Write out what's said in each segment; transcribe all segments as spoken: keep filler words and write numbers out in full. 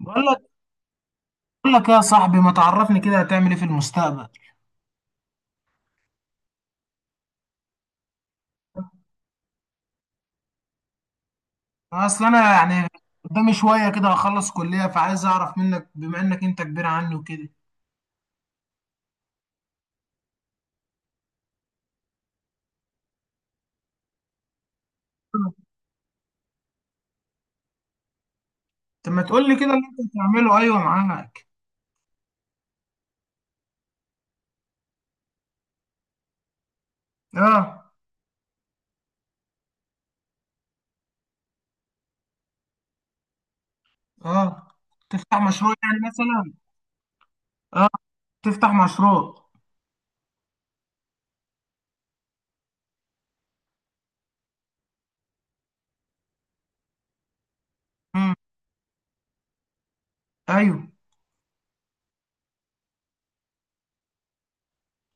بقول لك بقول لك يا صاحبي ما تعرفني كده، هتعمل ايه في المستقبل؟ اصل انا يعني قدامي شويه كده، هخلص كليه، فعايز اعرف منك بما انك انت كبير عني وكده. طب ما تقول لي كده اللي انت بتعمله. ايوه، معاك. اه. اه، تفتح مشروع يعني مثلا. اه، تفتح مشروع. امم، ايوه.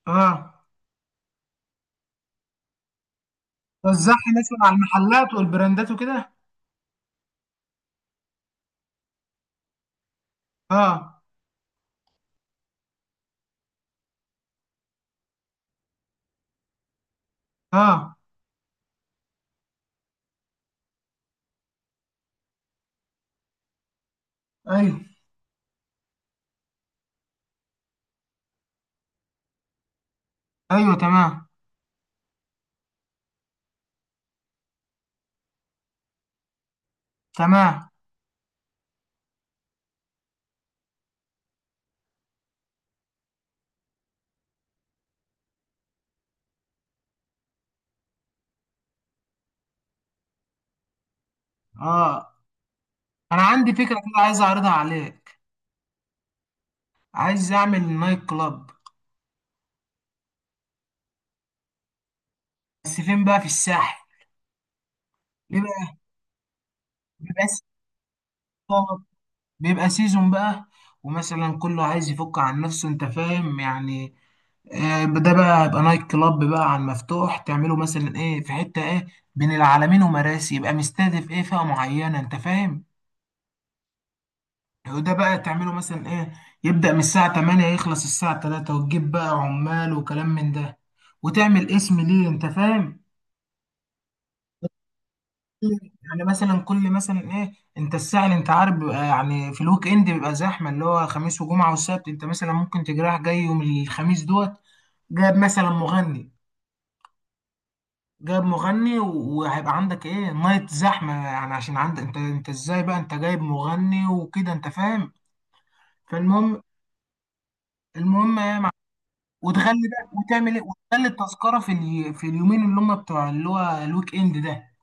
اه. توزعها مثلا على المحلات والبراندات وكده. اه. اه. ايوه. ايوه، تمام. تمام. اه، انا عندي فكره كده عايز اعرضها عليك. عايز اعمل نايت كلاب، بس فين بقى؟ في الساحل. بيبقى بيبقى سيزون. بيبقى سيزون بقى. ومثلا كله عايز يفك عن نفسه، انت فاهم يعني. آه، ده بقى يبقى نايت كلاب بقى عن مفتوح، تعمله مثلا ايه في حتة ايه بين العلمين ومراسي، يبقى مستهدف ايه فئة معينة، انت فاهم. وده بقى تعمله مثلا ايه، يبدأ من الساعة تمانية يخلص الساعة تلاتة، وتجيب بقى عمال وكلام من ده، وتعمل اسم ليه، انت فاهم. يعني مثلا كل مثلا ايه، انت الساعة اللي انت عارف بيبقى يعني في الويك اند بيبقى زحمة، اللي هو خميس وجمعة والسبت، انت مثلا ممكن تجرح جاي يوم الخميس دوت، جاب مثلا مغني. جاب مغني و- وهيبقى عندك ايه نايت زحمة، يعني عشان عندك، انت انت ازاي بقى انت جايب مغني وكده، انت فاهم. فالمهم، المهم إيه، وتغلي بقى وتعمل ايه، وتغلي التذكرة في ال... في اليومين اللي هم بتوع اللي هو الويك اند ده.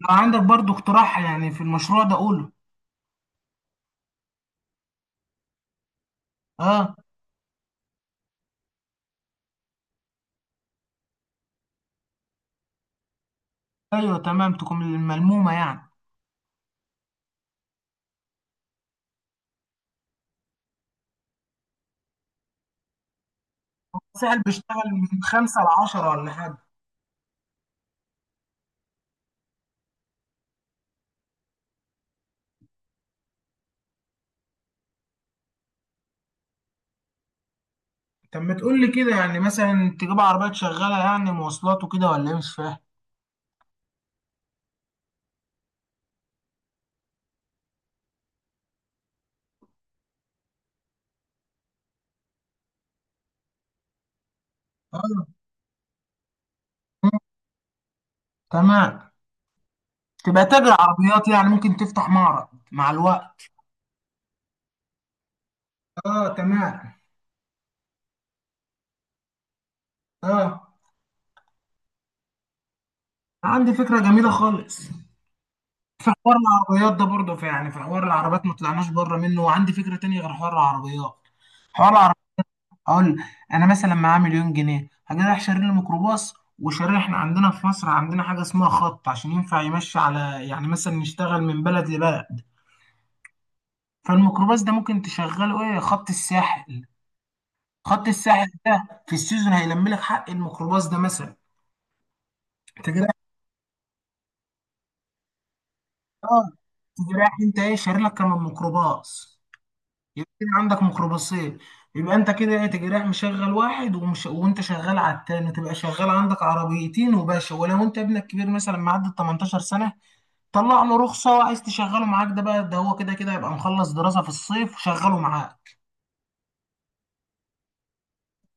لو عندك برضو اقتراح يعني في المشروع ده قوله. اه. ايوه تمام، تكون الملمومه يعني. سهل بيشتغل. من خمسة لعشرة ولا حاجه. طب ما تقول لي كده، يعني مثلا تجيب عربيات شغاله يعني مواصلات وكده ولا ايه؟ مش فاهم. أيوة، تمام. تبقى تاجر عربيات يعني، ممكن تفتح معرض مع الوقت. اه، تمام. اه. عندي فكره جميله خالص. حوار العربيات ده برضه في، يعني في حوار العربيات ما طلعناش بره منه، وعندي فكره تانية غير حوار العربيات. حوار العربيات. اقول، انا مثلا معايا مليون جنيه، هجي رايح شاري لي ميكروباص وشاري، احنا عندنا في مصر عندنا حاجه اسمها خط عشان ينفع يمشي على، يعني مثلا نشتغل من بلد لبلد. فالميكروباص ده ممكن تشغله ايه، خط الساحل. خط الساحل ده في السيزون هيلم لك حق الميكروباص ده مثلا. تجي رايح. اه، تجي رايح انت ايه شاري لك كمان ميكروباص، يبقى كده عندك ميكروباصين. يبقى انت كده ايه تجي رايح مشغل واحد، ومش وانت شغال على التاني تبقى شغال عندك عربيتين وباشا. ولو انت ابنك كبير مثلا معدي ال تمنتاشر سنه، طلع له رخصه عايز تشغله معاك، ده بقى ده هو كده كده يبقى مخلص دراسه في الصيف وشغله معاك.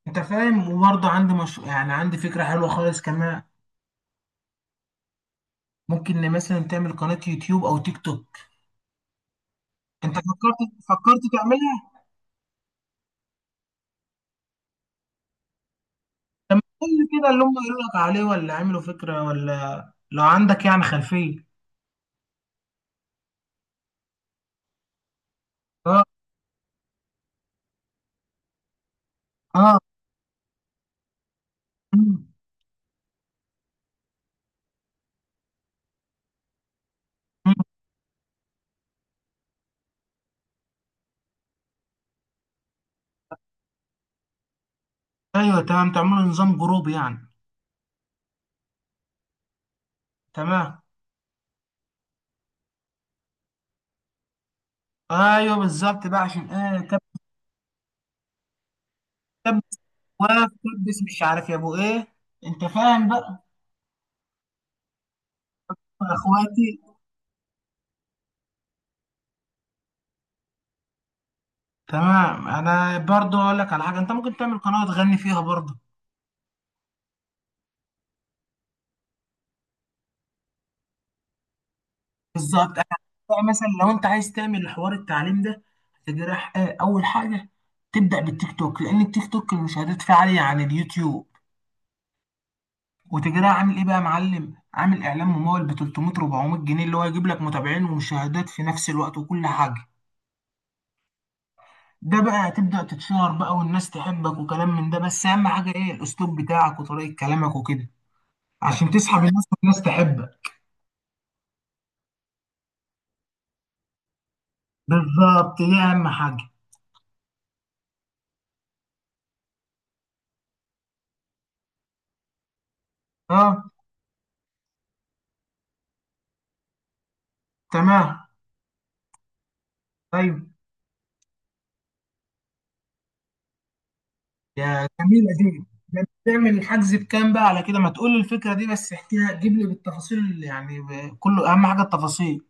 انت فاهم. وبرضه عندي مش... يعني عندي فكره حلوه خالص كمان. ممكن إن مثلا تعمل قناه يوتيوب او تيك توك. انت فكرت، فكرت تعملها؟ لما تقول لي كده اللي هم قالوا لك عليه، ولا عملوا فكره، ولا لو عندك يعني خلفيه. اه. اه. مم. مم. ايوه تمام، تعملوا نظام جروبي يعني. تمام. ايوه بالظبط بقى، عشان ايه كب- كبس، واف كبس، مش عارف يا ابو ايه، انت فاهم بقى. يا اخواتي. تمام، انا برضو اقول لك على حاجه، انت ممكن تعمل قناه تغني فيها برضو. بالظبط. أنا بقى مثلا لو انت عايز تعمل حوار التعليم ده، تجرح ايه اول حاجه، تبدا بالتيك توك لان التيك توك المشاهدات فيه عاليه عن اليوتيوب، وتجريها عامل ايه بقى يا معلم، عامل اعلان ممول ب تلتمية اربعمية جنيه، اللي هو يجيب لك متابعين ومشاهدات في نفس الوقت وكل حاجه. ده بقى هتبدا تتشهر بقى والناس تحبك وكلام من ده، بس اهم حاجه ايه، الاسلوب بتاعك وطريقه كلامك وكده، عشان تسحب الناس والناس تحبك. بالظبط، دي اهم حاجه. اه، تمام. طيب. يا جميله دي. ده بتعمل الحجز بكام بقى على كده؟ ما تقول لي الفكره دي بس، احكيها، جيب لي بالتفاصيل يعني، ب- كله اهم حاجه التفاصيل.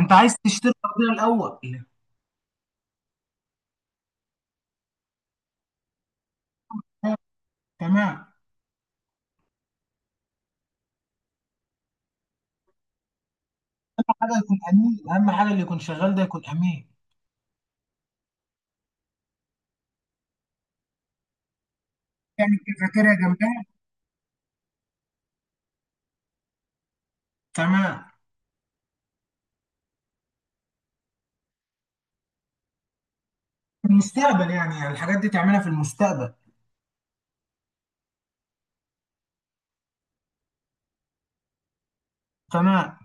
انت عايز تشتري ارضيه الاول. آه، تمام. حاجه يكون امين اهم حاجه، اللي يكون شغال ده يكون امين. يعني الكافيتيريا جنبها. تمام. في المستقبل يعني، يعني الحاجات دي تعملها في المستقبل. تمام.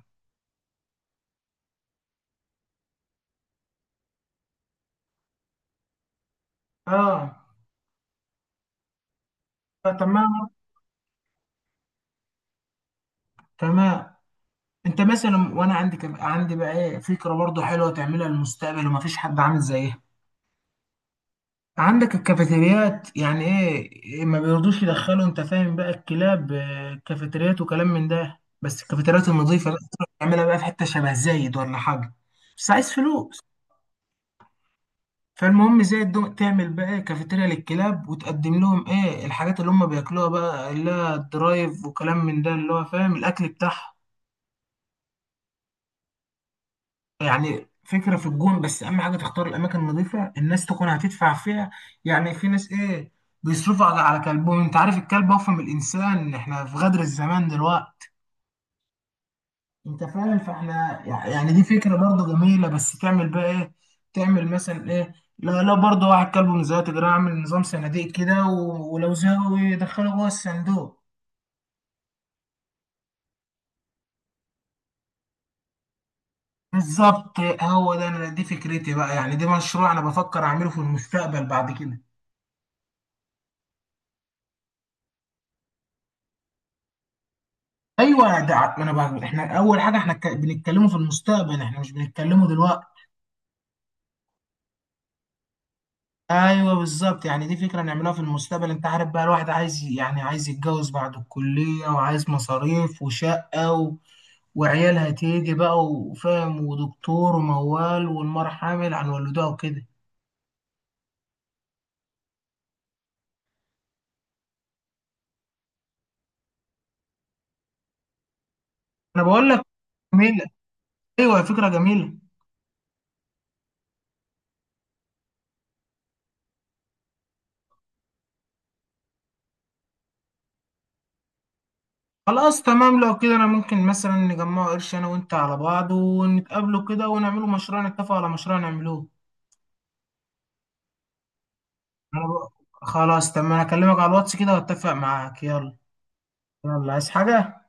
اه. آه، تمام. تمام. انت مثلا، وانا عندي كم... عندي بقى ايه فكره برضه حلوه تعملها للمستقبل ومفيش حد عامل زيها. عندك الكافيتريات يعني ايه، إيه ما بيرضوش يدخلوا، انت فاهم بقى الكلاب، آه، الكافيتريات وكلام من ده، بس الكافيتريات النظيفه بقى. تعملها بقى في حته شبه زايد ولا حاجه. بس عايز فلوس. فالمهم زي الدو... تعمل بقى إيه، كافيتيريا للكلاب، وتقدم لهم ايه الحاجات اللي هم بياكلوها بقى، اللي هي الدرايف وكلام من ده، اللي هو فاهم، الاكل بتاعهم. يعني فكره في الجون، بس اهم حاجه تختار الاماكن النظيفه الناس تكون هتدفع فيها. يعني في ناس ايه بيصرفوا على على كلبهم، انت عارف الكلب اوفى من الانسان، احنا في غدر الزمان دلوقتي. انت فاهم، فاحنا يعني دي فكره برضه جميله. بس تعمل بقى ايه، تعمل مثلا ايه، لا لا برضه، واحد كلب من زيادة كده، اعمل نظام صناديق كده و- ولو زهقوا يدخله جوه الصندوق. بالظبط، هو ده، انا دي فكرتي بقى، يعني دي مشروع انا بفكر اعمله في المستقبل بعد كده. ايوه ده ع- ما انا بقى احنا اول حاجه احنا ك- بنتكلمه في المستقبل، احنا مش بنتكلمه دلوقتي. ايوه بالظبط، يعني دي فكره نعملها في المستقبل، انت عارف بقى الواحد عايز ي- يعني عايز يتجوز بعد الكليه وعايز مصاريف وشقه، وعيالها تيجي بقى وفاهم ودكتور وموال والمرة حامل عن والدها وكده. انا بقول لك، جميلة. ايوه فكرة جميلة. خلاص تمام لو كده، انا ممكن مثلا نجمع قرش انا وانت على بعض، ونتقابلوا كده، ونعملوا مشروع، نتفق على مشروع نعملوه. انا بقى، خلاص تمام هكلمك على الواتس كده واتفق معاك. يلا. يلا، عايز حاجة؟